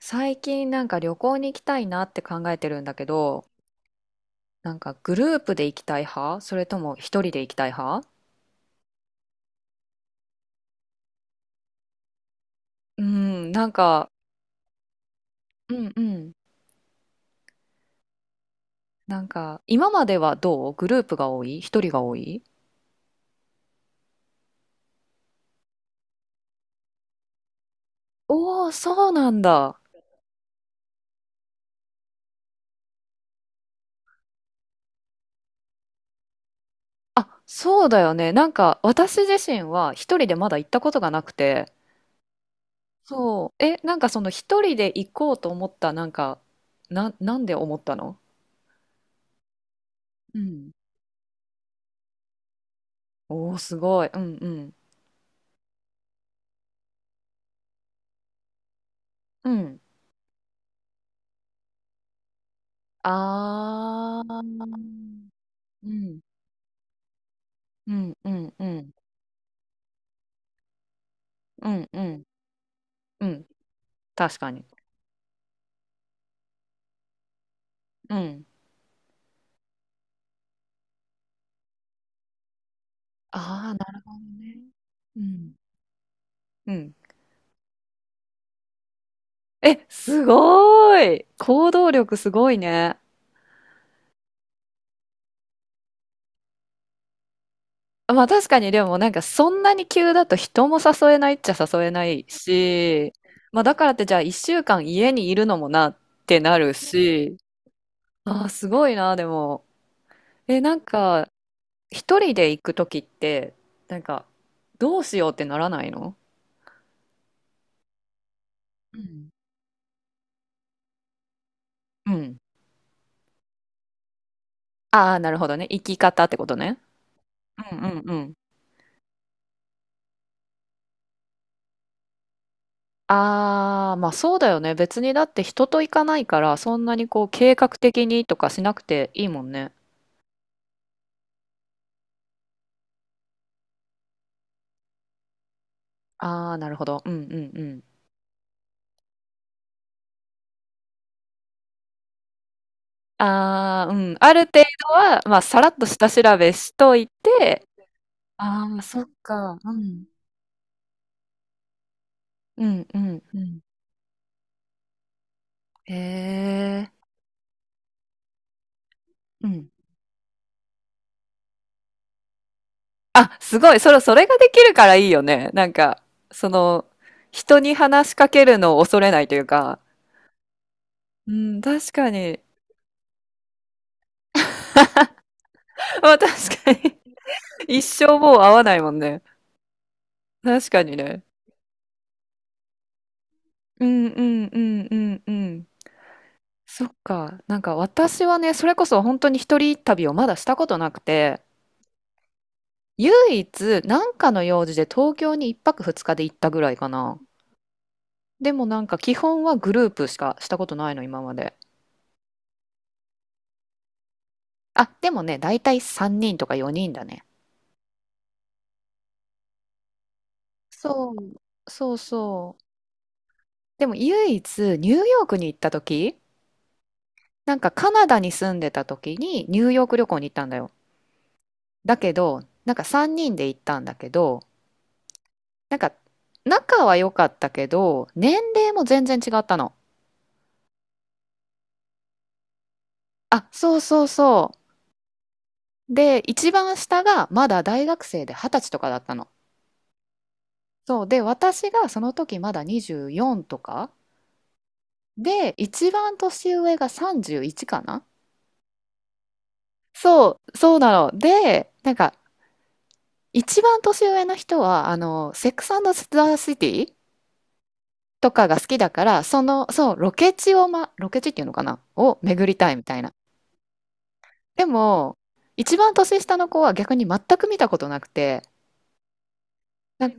最近旅行に行きたいなって考えてるんだけど、グループで行きたい派、それとも一人で行きたい派？うん、うんうん。今まではどう？グループが多い？一人が多い？おおー、そうなんだ。あ、そうだよね。私自身は一人でまだ行ったことがなくて。そう。え、その一人で行こうと思った、なんで思ったの？うん。おお、すごい。うんうん。うん。ああ、うん、うん、うん、うん、うん、うん、うん、確かに。うん。ああ、なるほどね。うん、うん。え、すごーい。行動力すごいね。まあ確かに。でもそんなに急だと人も誘えないっちゃ誘えないし、まあだからってじゃあ一週間家にいるのもなってなるし、ああ、すごいな、でも。え、一人で行く時って、なんか、どうしようってならないの？うん。うん。ああ、なるほどね。生き方ってことね。うんうんうん。ああ、まあそうだよね。別にだって人と行かないから、そんなにこう計画的にとかしなくていいもんね。ああ、なるほど。うんうんうん。ああ、うん。ある程度は、まあさらっと下調べしといて、ああ、そっか。うん。うんうん。うん。へえ。うん。あ、すごい。それ、それができるからいいよね。その、人に話しかけるのを恐れないというか、うん、確かに。まあ、確かに。一生もう会わないもんね。確かにね。うんうんうんうんうん。そっか。私はね、それこそ本当に一人旅をまだしたことなくて、唯一なんかの用事で東京に一泊二日で行ったぐらいかな。でも基本はグループしかしたことないの、今まで。あ、でもね、だいたい3人とか4人だね。そう。そうそう。でも唯一ニューヨークに行った時、カナダに住んでた時にニューヨーク旅行に行ったんだよ。だけど、3人で行ったんだけど、なんか仲は良かったけど、年齢も全然違ったの。あ、そうそうそう。で、一番下がまだ大学生で二十歳とかだったの。そう。で、私がその時まだ24とか。で、一番年上が31かな。そう、そうなの。で、一番年上の人は、あの、セックスザ・シティとかが好きだから、その、そう、ロケ地を、ま、ロケ地っていうのかなを巡りたいみたいな。でも、一番年下の子は逆に全く見たことなくて、なんか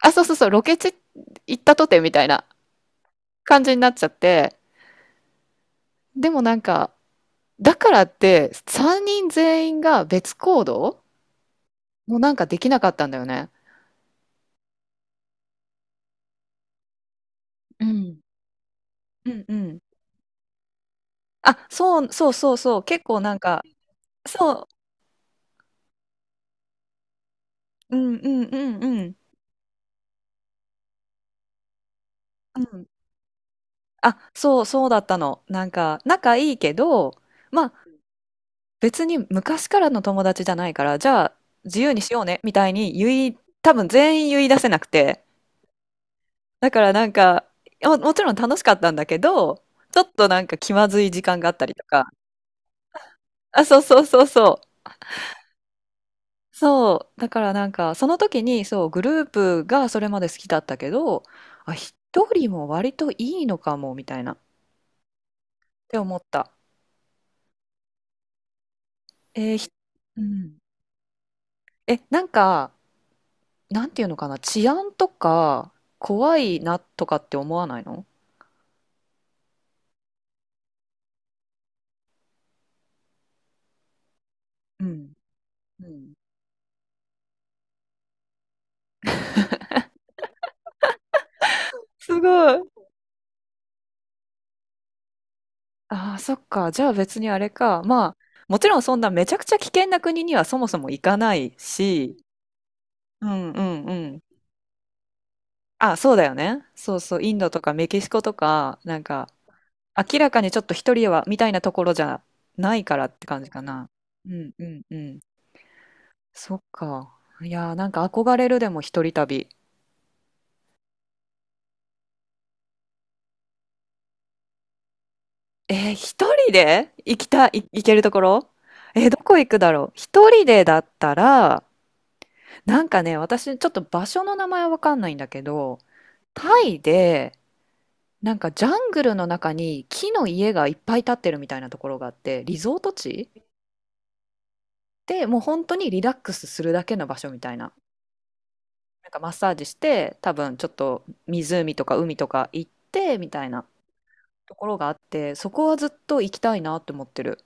あ、そうそうそう、ロケ地行ったとてみたいな感じになっちゃって、でもだからって、3人全員が別行動もなんかできなかったんだよね。うん。うんうん。あ、そう、そうそうそう、結構なんか、そう、うんうんうんうん。うん。あ、そうそうだったの。仲いいけど、まあ、別に昔からの友達じゃないから、じゃあ、自由にしようね、みたいに言い、多分全員言い出せなくて。だからもちろん楽しかったんだけど、ちょっと気まずい時間があったりとか。あ、そうそうそうそう。そう。だからその時に、そう、グループがそれまで好きだったけど、あ、一人も割といいのかも、みたいな、って思った。えーひ、うん。え、なんていうのかな、治安とか、怖いなとかって思わないの？うん。うん。すごい。ああ、そっか。じゃあ別にあれか。まあ、もちろんそんなめちゃくちゃ危険な国にはそもそも行かないし、うんうんうん。あ、そうだよね。そうそう。インドとかメキシコとか、なんか、明らかにちょっと一人はみたいなところじゃないからって感じかな。うんうんうん。そっか。いやーなんか憧れるでも一人旅。えー、一人で行きたい、い行けるところ？えー、どこ行くだろう一人でだったら、私ちょっと場所の名前はわかんないんだけど、タイで、ジャングルの中に木の家がいっぱい建ってるみたいなところがあって、リゾート地で、もう本当にリラックスするだけの場所みたいな。マッサージして多分ちょっと湖とか海とか行ってみたいなところがあって、そこはずっと行きたいなって思ってる。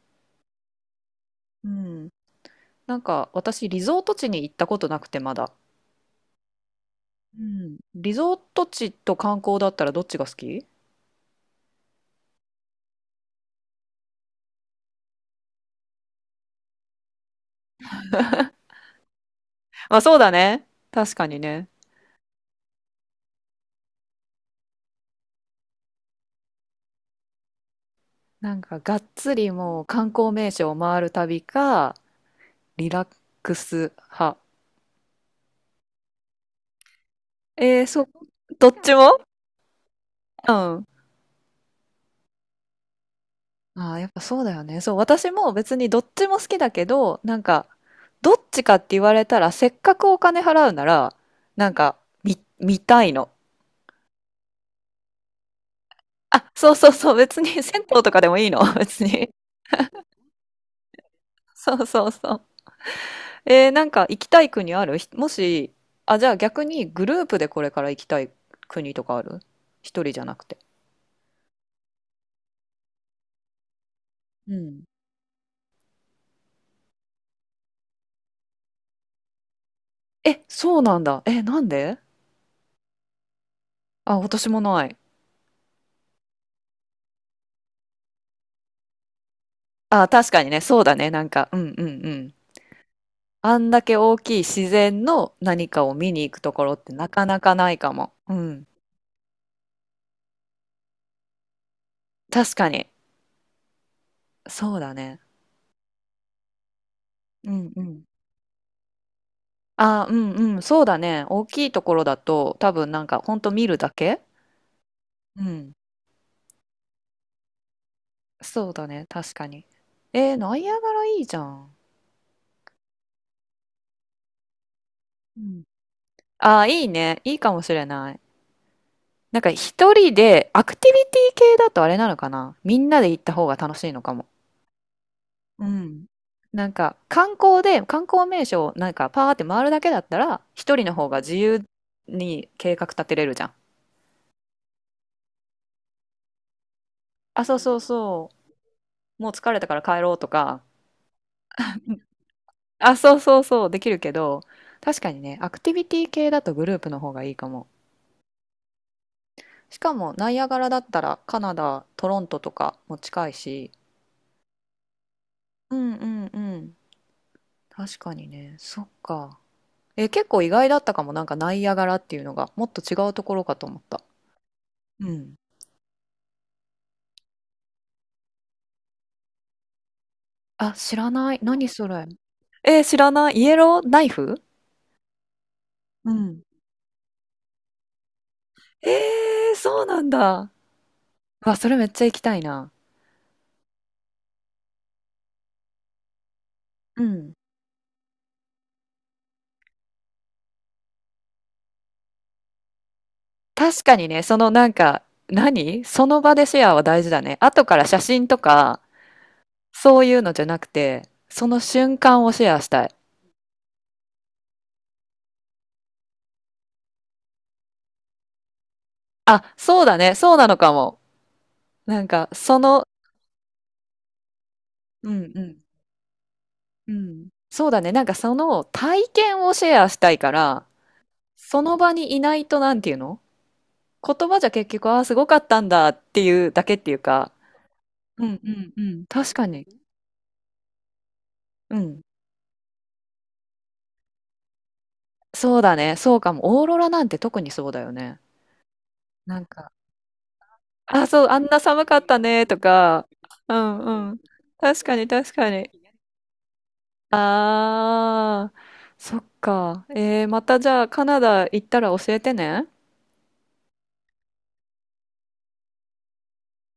うん。私リゾート地に行ったことなくてまだ。うん。リゾート地と観光だったらどっちが好き？あ、そうだね。確かにね。なんかがっつりもう観光名所を回る旅か、リラックス派。えー、そう、どっちも？うん。ああ、やっぱそうだよね。そう、私も別にどっちも好きだけど、どっちかって言われたら、せっかくお金払うなら、見たいの。あ、そうそうそう、別に銭湯とかでもいいの、別に。そうそうそう。えー、なんか行きたい国あるひもし、あ、じゃあ逆にグループでこれから行きたい国とかある？一人じゃなくて。うん。え、そうなんだ。え、なんで？あ、私もない。あ、確かにね、そうだね、なんか、うんうんうん。あんだけ大きい自然の何かを見に行くところってなかなかないかも。うん。確かに。そうだね。うんうん。あ、うんうん。そうだね。大きいところだと多分なんかほんと見るだけ。うん。そうだね。確かに。えー、ナイアガラいいじゃん。うん。ああ、いいね。いいかもしれない。一人で、アクティビティ系だとあれなのかな、みんなで行った方が楽しいのかも。うん。観光で観光名所をなんかパーって回るだけだったら一人の方が自由に計画立てれるじゃん。あ、そうそうそう。もう疲れたから帰ろうとか。あ、そうそうそう。できるけど、確かにね、アクティビティ系だとグループの方がいいかも。しかもナイアガラだったらカナダ、トロントとかも近いし。うんうんうん。確かにね。そっか。え、結構意外だったかも。ナイアガラっていうのがもっと違うところかと思った。うん。あ、知らない。何それ。えー知らない。イエローナイフ？うん。えー、そうなんだ。うわ、それめっちゃ行きたいな。うん。確かにね、そのその場でシェアは大事だね。後から写真とか、そういうのじゃなくて、その瞬間をシェアしたい。あ、そうだね。そうなのかも。なんか、その、うんうん。うん。そうだね。その体験をシェアしたいから、その場にいないとなんていうの？言葉じゃ結局、ああ、すごかったんだっていうだけっていうか、うんうんうん。確かに。うん。そうだね。そうかも。オーロラなんて特にそうだよね。なんか、あ、そう、あんな寒かったねとか、うんうん。確かに確かに。ああ、そっか。えー、またじゃあカナダ行ったら教えてね。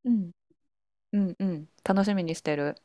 うん。うんうん。楽しみにしてる。